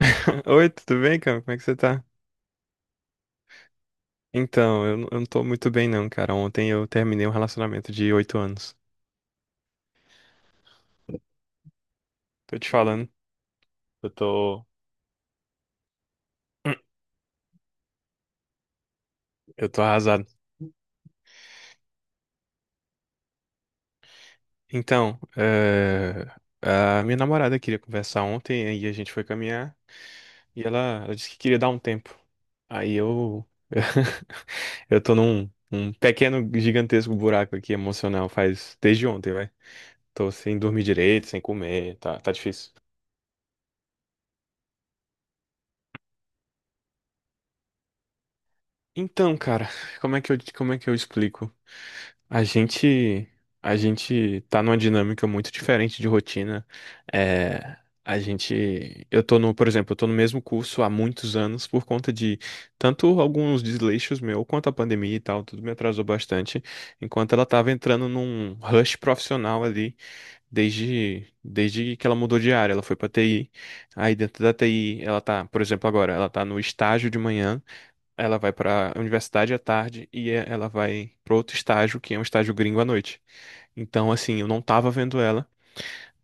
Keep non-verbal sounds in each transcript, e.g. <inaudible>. <laughs> Oi, tudo bem, cara? Como é que você tá? Então, eu não tô muito bem não, cara. Ontem eu terminei um relacionamento de 8 anos. Tô te falando, eu tô, <clears throat> eu tô arrasado. Então, a minha namorada queria conversar ontem, aí a gente foi caminhar e ela disse que queria dar um tempo. Aí <laughs> eu tô num pequeno, gigantesco buraco aqui emocional faz desde ontem, vai. Tô sem dormir direito, sem comer, tá difícil. Então, cara, como é que eu explico? A gente, a gente tá numa dinâmica muito diferente de rotina. É, eu tô no, por exemplo, eu tô no mesmo curso há muitos anos por conta de tanto alguns desleixos meu, quanto a pandemia e tal, tudo me atrasou bastante, enquanto ela tava entrando num rush profissional ali desde que ela mudou de área, ela foi pra TI. Aí dentro da TI, ela tá, por exemplo, agora, ela tá no estágio de manhã, ela vai para a universidade à tarde e ela vai para outro estágio, que é um estágio gringo à noite. Então, assim, eu não tava vendo ela.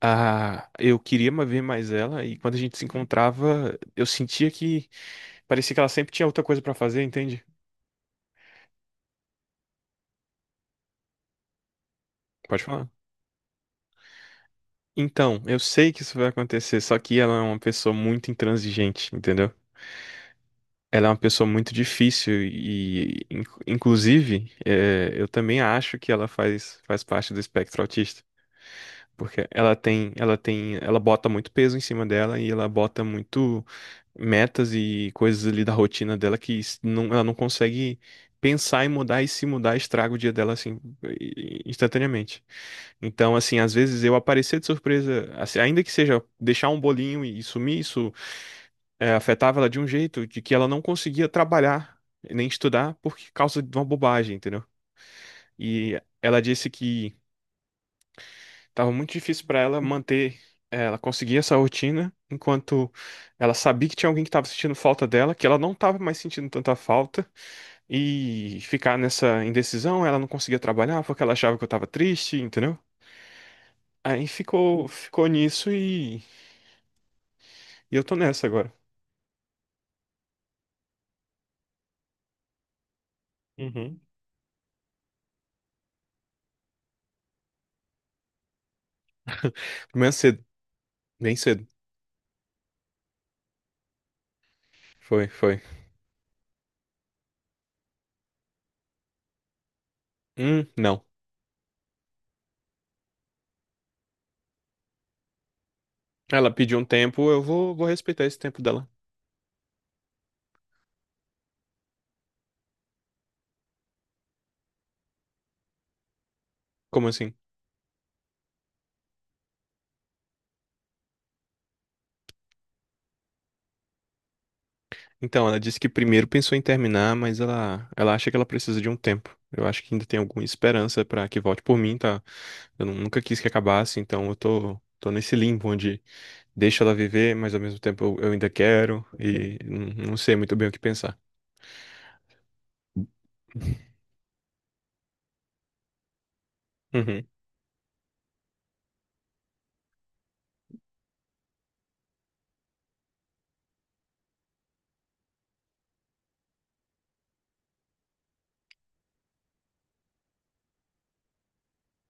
Ah, eu queria ver mais ela e quando a gente se encontrava, eu sentia que parecia que ela sempre tinha outra coisa para fazer, entende? Pode falar. Então, eu sei que isso vai acontecer, só que ela é uma pessoa muito intransigente, entendeu? Ela é uma pessoa muito difícil e, inclusive, eu também acho que ela faz parte do espectro autista. Porque ela bota muito peso em cima dela e ela bota muito metas e coisas ali da rotina dela que não, ela não consegue pensar em mudar e se mudar estraga o dia dela assim instantaneamente. Então, assim, às vezes eu aparecer de surpresa, assim, ainda que seja deixar um bolinho e sumir, isso afetava ela de um jeito de que ela não conseguia trabalhar nem estudar por causa de uma bobagem, entendeu? E ela disse que tava muito difícil pra ela manter, ela conseguir essa rotina, enquanto ela sabia que tinha alguém que tava sentindo falta dela, que ela não tava mais sentindo tanta falta, e ficar nessa indecisão, ela não conseguia trabalhar porque ela achava que eu tava triste, entendeu? Aí ficou nisso e eu tô nessa agora. Uhum. Amanhã cedo, bem cedo. Foi, foi. Não. Ela pediu um tempo, eu vou respeitar esse tempo dela. Como assim? Então, ela disse que primeiro pensou em terminar, mas ela acha que ela precisa de um tempo. Eu acho que ainda tem alguma esperança pra que volte por mim, tá? Eu nunca quis que acabasse, então eu tô nesse limbo onde deixo ela viver, mas ao mesmo tempo eu ainda quero e não sei muito bem o que pensar. Uhum.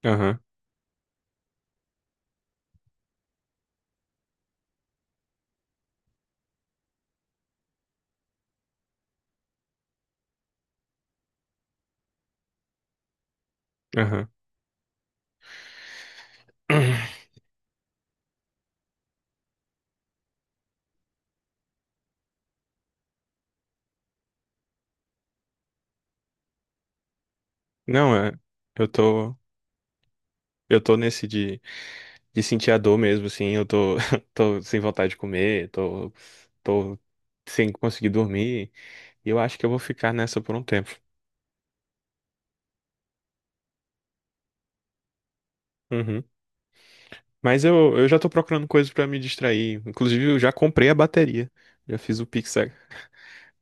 Aham, aham. <clears throat> Não, é, eu tô, eu tô nesse de sentir a dor mesmo, assim, eu tô, <laughs> tô sem vontade de comer, tô sem conseguir dormir, e eu acho que eu vou ficar nessa por um tempo. Uhum. Mas eu já tô procurando coisas pra me distrair. Inclusive, eu já comprei a bateria. Já fiz o Pix, a-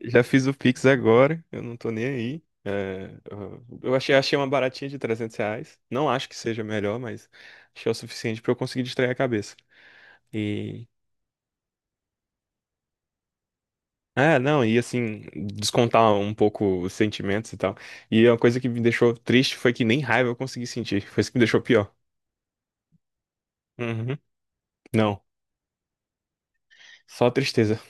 Já fiz o Pix agora. Eu não tô nem aí. É, eu achei uma baratinha de R$ 300. Não acho que seja melhor, mas achei o suficiente pra eu conseguir distrair a cabeça. E. Ah, não, e assim, descontar um pouco os sentimentos e tal. E uma coisa que me deixou triste foi que nem raiva eu consegui sentir. Foi isso que me deixou pior. Uhum. Não, só tristeza.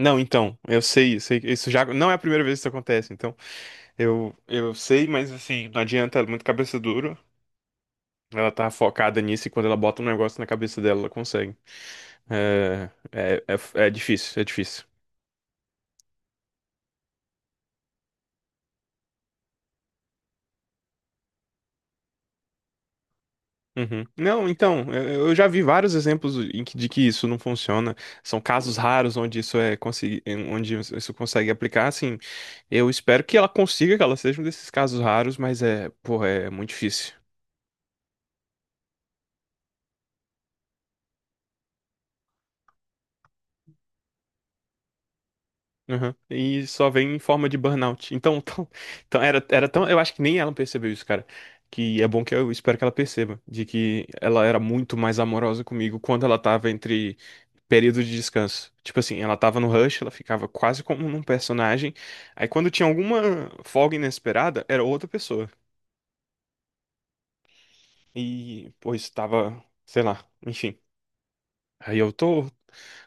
Não, então, que isso já não é a primeira vez que isso acontece, então eu sei, mas assim, não adianta, ela é muito cabeça dura. Ela tá focada nisso e quando ela bota um negócio na cabeça dela, ela consegue. É, é, é difícil, é difícil. Uhum. Não, então, eu já vi vários exemplos de que isso não funciona. São casos raros onde isso consegue aplicar. Assim, eu espero que ela consiga, que ela seja um desses casos raros, mas é, porra, é muito difícil. Aham. E só vem em forma de burnout. <laughs> Então, então era tão. Eu acho que nem ela percebeu isso, cara. Que é bom que eu espero que ela perceba. De que ela era muito mais amorosa comigo quando ela tava entre períodos de descanso. Tipo assim, ela tava no rush, ela ficava quase como um personagem. Aí quando tinha alguma folga inesperada, era outra pessoa. E, pois, tava, sei lá, enfim. Aí eu tô,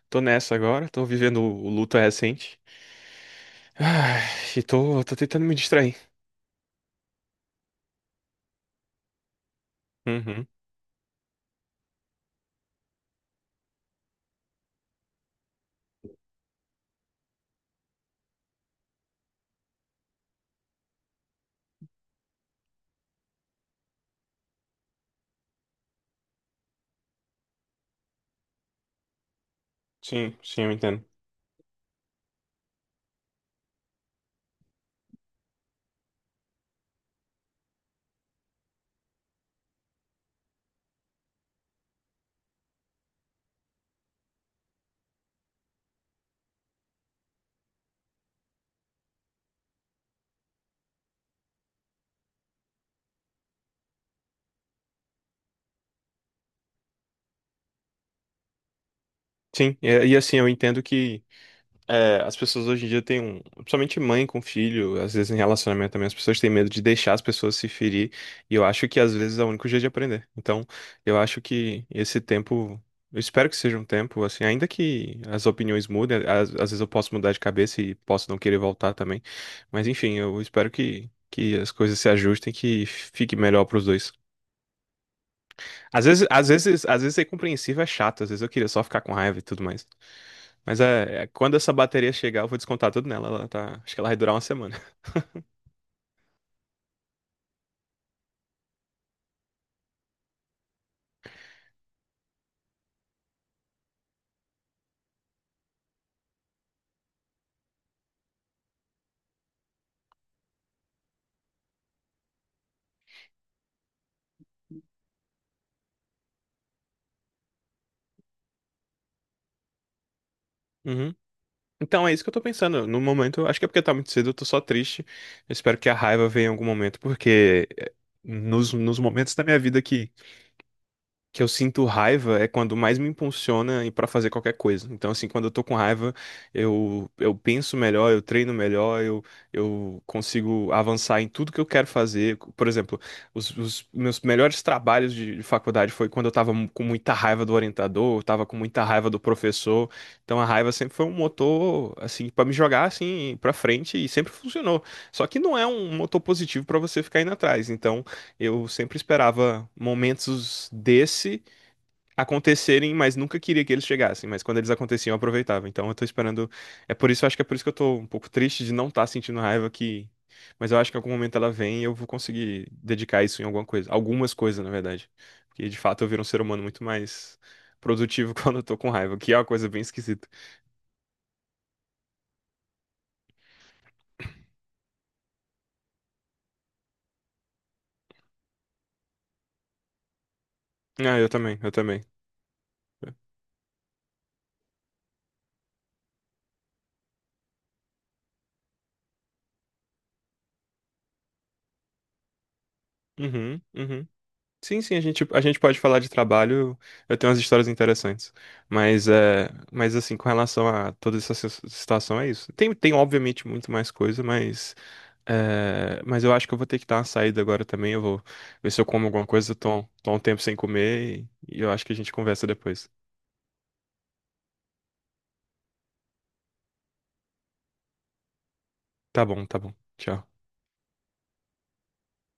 tô nessa agora, tô vivendo o luto recente. Ai, e tô tentando me distrair. Uhum. Sim, sim, eu entendo. Sim, e, assim, eu entendo que, as pessoas hoje em dia têm um. Principalmente mãe com filho, às vezes em relacionamento também, as pessoas têm medo de deixar as pessoas se ferir. E eu acho que às vezes é o único jeito de aprender. Então, eu acho que esse tempo. Eu espero que seja um tempo, assim, ainda que as opiniões mudem, às vezes eu posso mudar de cabeça e posso não querer voltar também. Mas enfim, eu espero que as coisas se ajustem, que fique melhor pros dois. Às vezes ser compreensível é chato, às vezes eu queria só ficar com raiva e tudo mais. Mas quando essa bateria chegar, eu vou descontar tudo nela. Ela tá, acho que ela vai durar uma semana. <laughs> Uhum. Então é isso que eu tô pensando. No momento, acho que é porque tá muito cedo, eu tô só triste. Eu espero que a raiva venha em algum momento, porque é, nos momentos da minha vida que eu sinto raiva é quando mais me impulsiona e para fazer qualquer coisa. Então, assim, quando eu tô com raiva, eu penso melhor, eu treino melhor, eu consigo avançar em tudo que eu quero fazer. Por exemplo, os meus melhores trabalhos de faculdade foi quando eu tava com muita raiva do orientador, eu tava com muita raiva do professor. Então, a raiva sempre foi um motor, assim, para me jogar, assim, para frente e sempre funcionou. Só que não é um motor positivo para você ficar indo atrás. Então, eu sempre esperava momentos desse acontecerem, mas nunca queria que eles chegassem. Mas quando eles aconteciam, eu aproveitava. Então eu tô esperando. É por isso, acho que é por isso que eu tô um pouco triste de não estar sentindo raiva que. Mas eu acho que em algum momento ela vem e eu vou conseguir dedicar isso em alguma coisa. Algumas coisas, na verdade. Porque de fato eu viro um ser humano muito mais produtivo <laughs> quando eu tô com raiva, que é uma coisa bem esquisita. Ah, eu também, eu também. Uhum, uhum. Sim, sim, a gente pode falar de trabalho, eu tenho umas histórias interessantes. Mas, mas assim, com relação a toda essa situação, é isso. Tem obviamente muito mais coisa, mas, mas eu acho que eu vou ter que dar uma saída agora também. Eu vou ver se eu como alguma coisa, eu tô um tempo sem comer e eu acho que a gente conversa depois. Tá bom, tá bom. Tchau.